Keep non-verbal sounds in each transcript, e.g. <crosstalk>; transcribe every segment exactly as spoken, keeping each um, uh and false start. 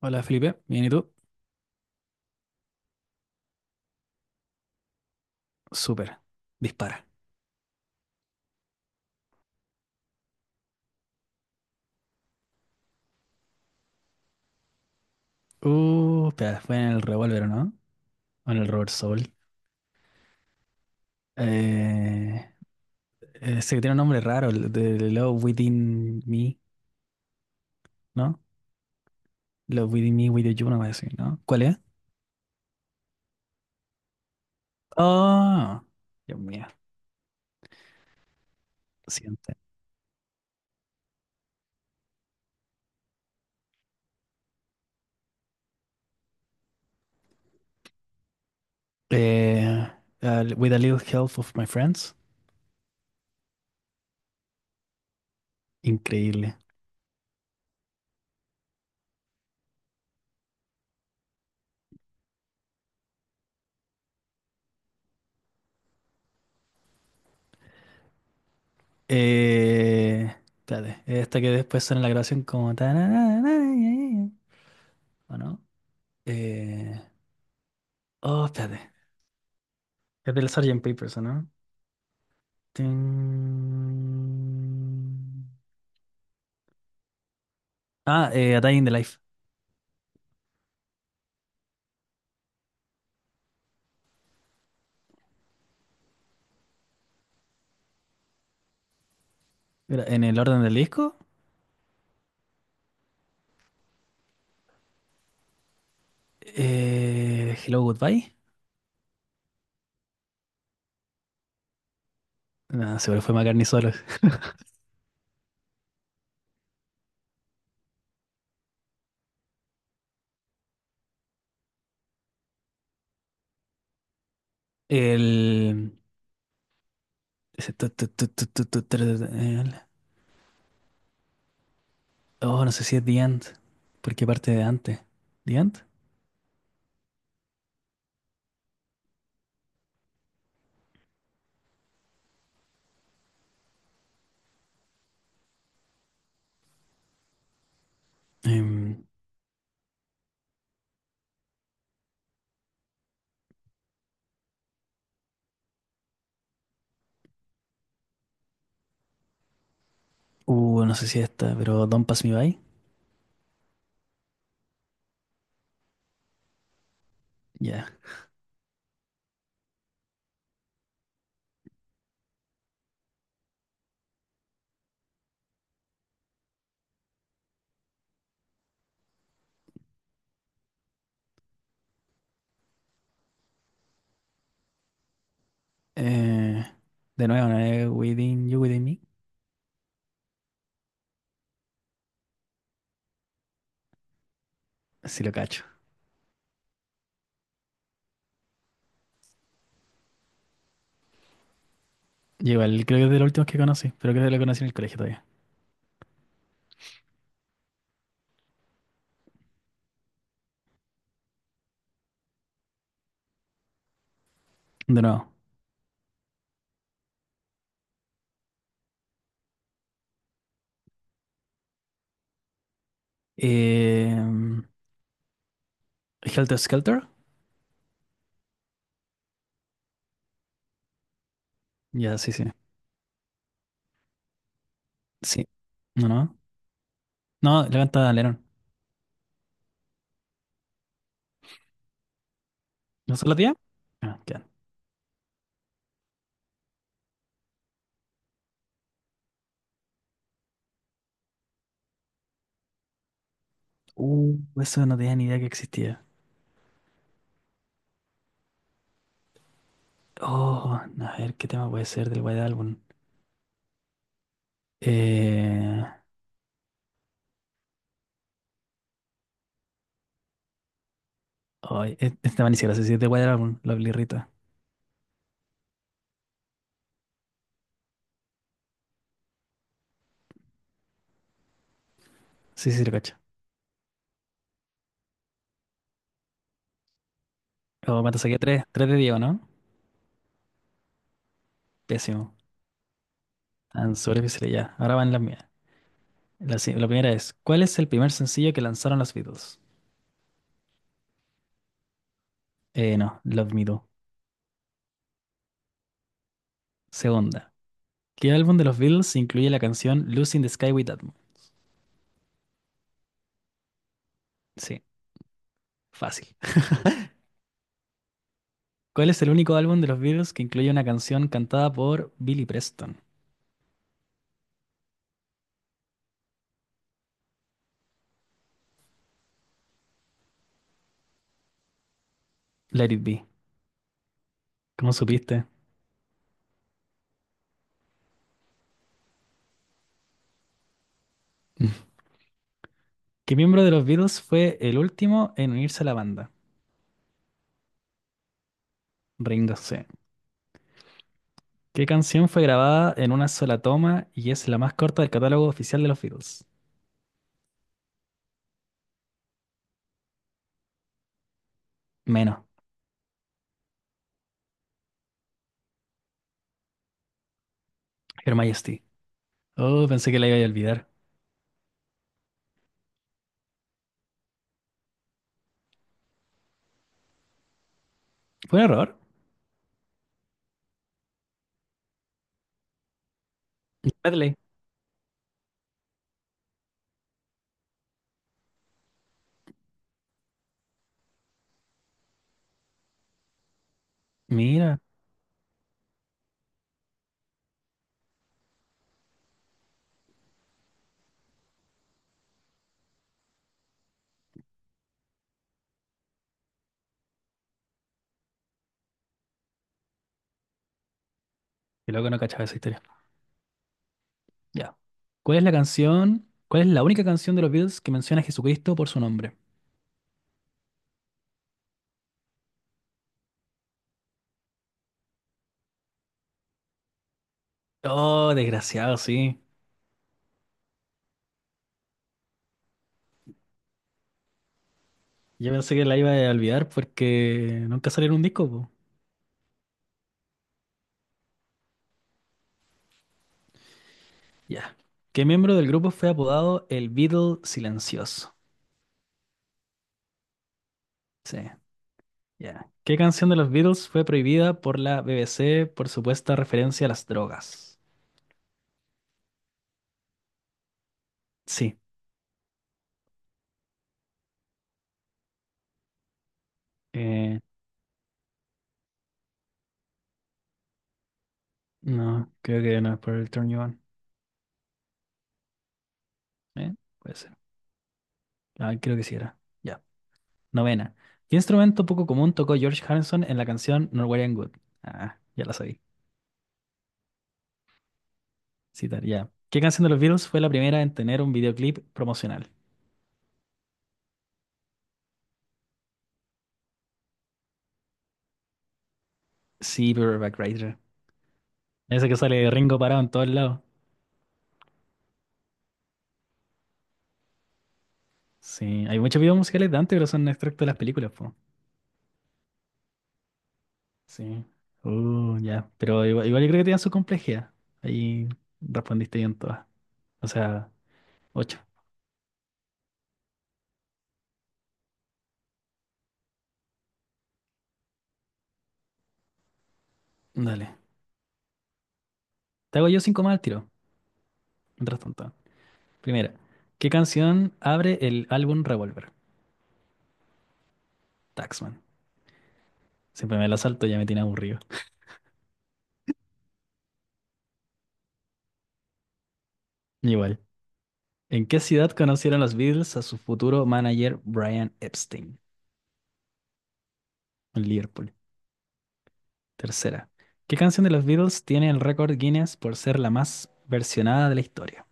Hola Felipe, ¿bien y tú? Súper, dispara. Uh, espera, fue en el revólver, ¿no? O en el Robert Soul. Eh, ese que tiene un nombre raro, el de Love Within Me, ¿no? Love Within Me, Within You, no voy a decir, ¿no? ¿Cuál es? Oh, Dios mío, lo siento. Eh, uh, with a little help of my friends. Increíble. Eh, espérate, esta que después suena en la grabación como tararara, ¿o no? Eh, oh, espérate. Es del sargento Papers, ¿o no? Tin. Ah, eh, A Day in the Life. Era en el orden del disco. eh, Hello, Goodbye. No, seguro fue McCartney solo. El... Ese tu, tu, tu, tu, tu, tu, tu, el- oh, no sé si es The End. ¿Por qué parte de antes? ¿The End? Em, uh, no sé si esta, pero Don't Pass Me By. Ya. Eh, de nuevo, ¿no es Within You, Within Me? Sí lo cacho. Yo igual creo que es de los últimos que conocí, pero creo que lo conocí en el colegio todavía. De nuevo. Em, Helter Skelter. Ya, sí, sí. Sí. No, no. No, la canta Lennon. ¿No se la tía? Ah, ya. Uh, eso no tenía ni idea que existía. Oh, a ver, ¿qué tema puede ser del White Album? Eh, ay, e- este tema ni siquiera sé si es de White Album, la Blirrita. Sí, sí, lo cacho. Oh, ¿cuánto saqué? Tres. Tres de Diego, ¿no? Pésimo. Tan sobre difíciles ya. Ahora van las mías. La, si- la primera es, ¿cuál es el primer sencillo que lanzaron los Beatles? Eh, no, Love Me Do. Segunda. ¿Qué álbum de los Beatles incluye la canción Lucy in the Sky with That Moon? Sí, fácil. ¿Cuál es el único álbum de los Beatles que incluye una canción cantada por Billy Preston? Let It Be. ¿Cómo supiste? <laughs> ¿Qué miembro de los Beatles fue el último en unirse a la banda? Ringo C. ¿Qué canción fue grabada en una sola toma y es la más corta del catálogo oficial de los Beatles? Menos. Her Majesty. Oh, pensé que la iba a olvidar. Fue un error. Medley. Mira, qué loco no cachaba esa historia. Ya. ¿Cuál es la canción? ¿Cuál es la única canción de los Beatles que menciona a Jesucristo por su nombre? Oh, desgraciado, sí. Yo pensé que la iba a olvidar porque nunca salió en un disco, po. Ya. ¿Qué miembro del grupo fue apodado el Beatle Silencioso? Sí, ya. ¿Qué canción de los Beatles fue prohibida por la B B C por supuesta referencia a las drogas? Sí. Eh, no, creo que no es por el Turn You On. ¿Eh? Puede ser. Ah, creo que sí era. Ya. Novena. ¿Qué instrumento poco común tocó George Harrison en la canción Norwegian Wood? Ah, ya la sabí. Citar, ya. ¿Qué canción de los Beatles fue la primera en tener un videoclip promocional? Sí, Paperback Writer. Ese que sale Ringo parado en todos lados. Sí, hay muchos videos musicales de antes, pero son extractos de las películas, po. Sí. Uh, ya. Pero igual, igual yo creo que tenían su complejidad. Ahí respondiste bien todas. O sea, ocho. Dale. Te hago yo cinco más al tiro. Mientras tanto. Primera. ¿Qué canción abre el álbum Revolver? Taxman. Siempre me la salto, ya me tiene aburrido. Igual. ¿En qué ciudad conocieron los Beatles a su futuro manager Brian Epstein? En Liverpool. Tercera. ¿Qué canción de los Beatles tiene el récord Guinness por ser la más versionada de la historia?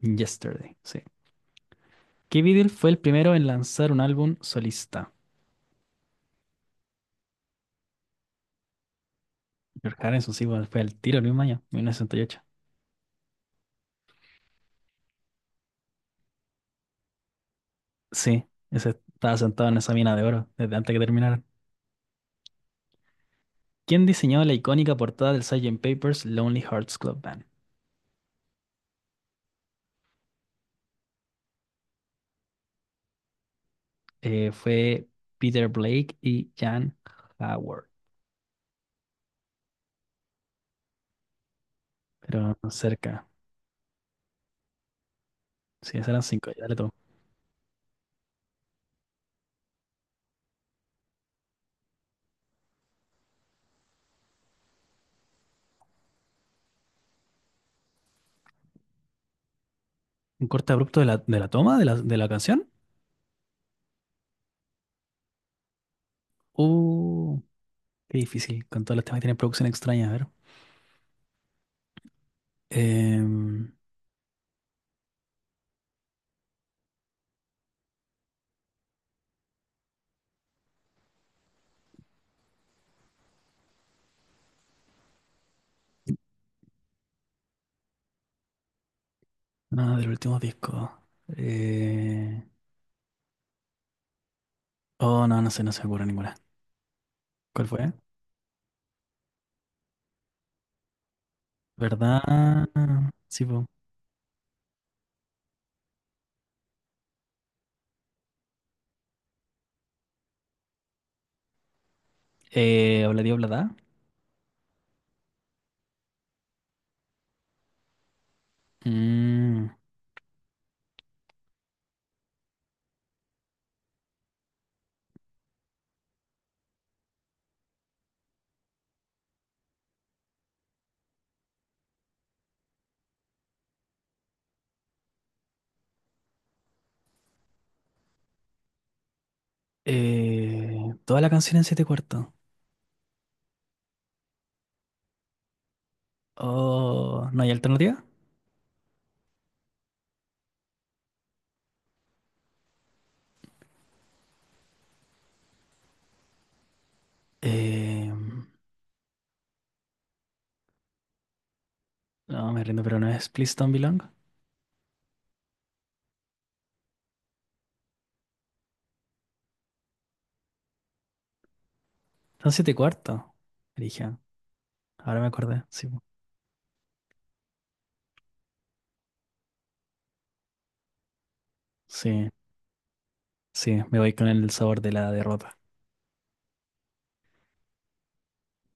Yesterday, sí. ¿Qué Beatle fue el primero en lanzar un álbum solista? George Harrison, sí, bueno, fue el tiro el mismo año, mil novecientos sesenta y ocho. Sí, ese estaba sentado en esa mina de oro desde antes que terminaran. ¿Quién diseñó la icónica portada del sargento Pepper's Lonely Hearts Club Band? eh, fue Peter Blake y Jan Howard, pero cerca. Sí, esas eran cinco, ya le tomo. Un corte abrupto de la, de la toma de la, de la canción. Uh, qué difícil, con todos los temas que tienen producción extraña, a ver. Em, no, del último disco. Eh, oh, no, no sé, no se me ocurre ninguna. ¿Cuál fue? ¿Verdad? Sí, po. Eh, Obladí Oblada. Mm, eh, toda la canción en siete cuartos. Oh, ¿no hay alternativa? Eh, no, me rindo, pero no es Please Don't Belong. Son siete y cuarto. Dije, ahora me acordé. Sí, po. Sí, sí, me voy con el sabor de la derrota.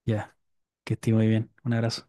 Ya, que esté muy bien. Un abrazo.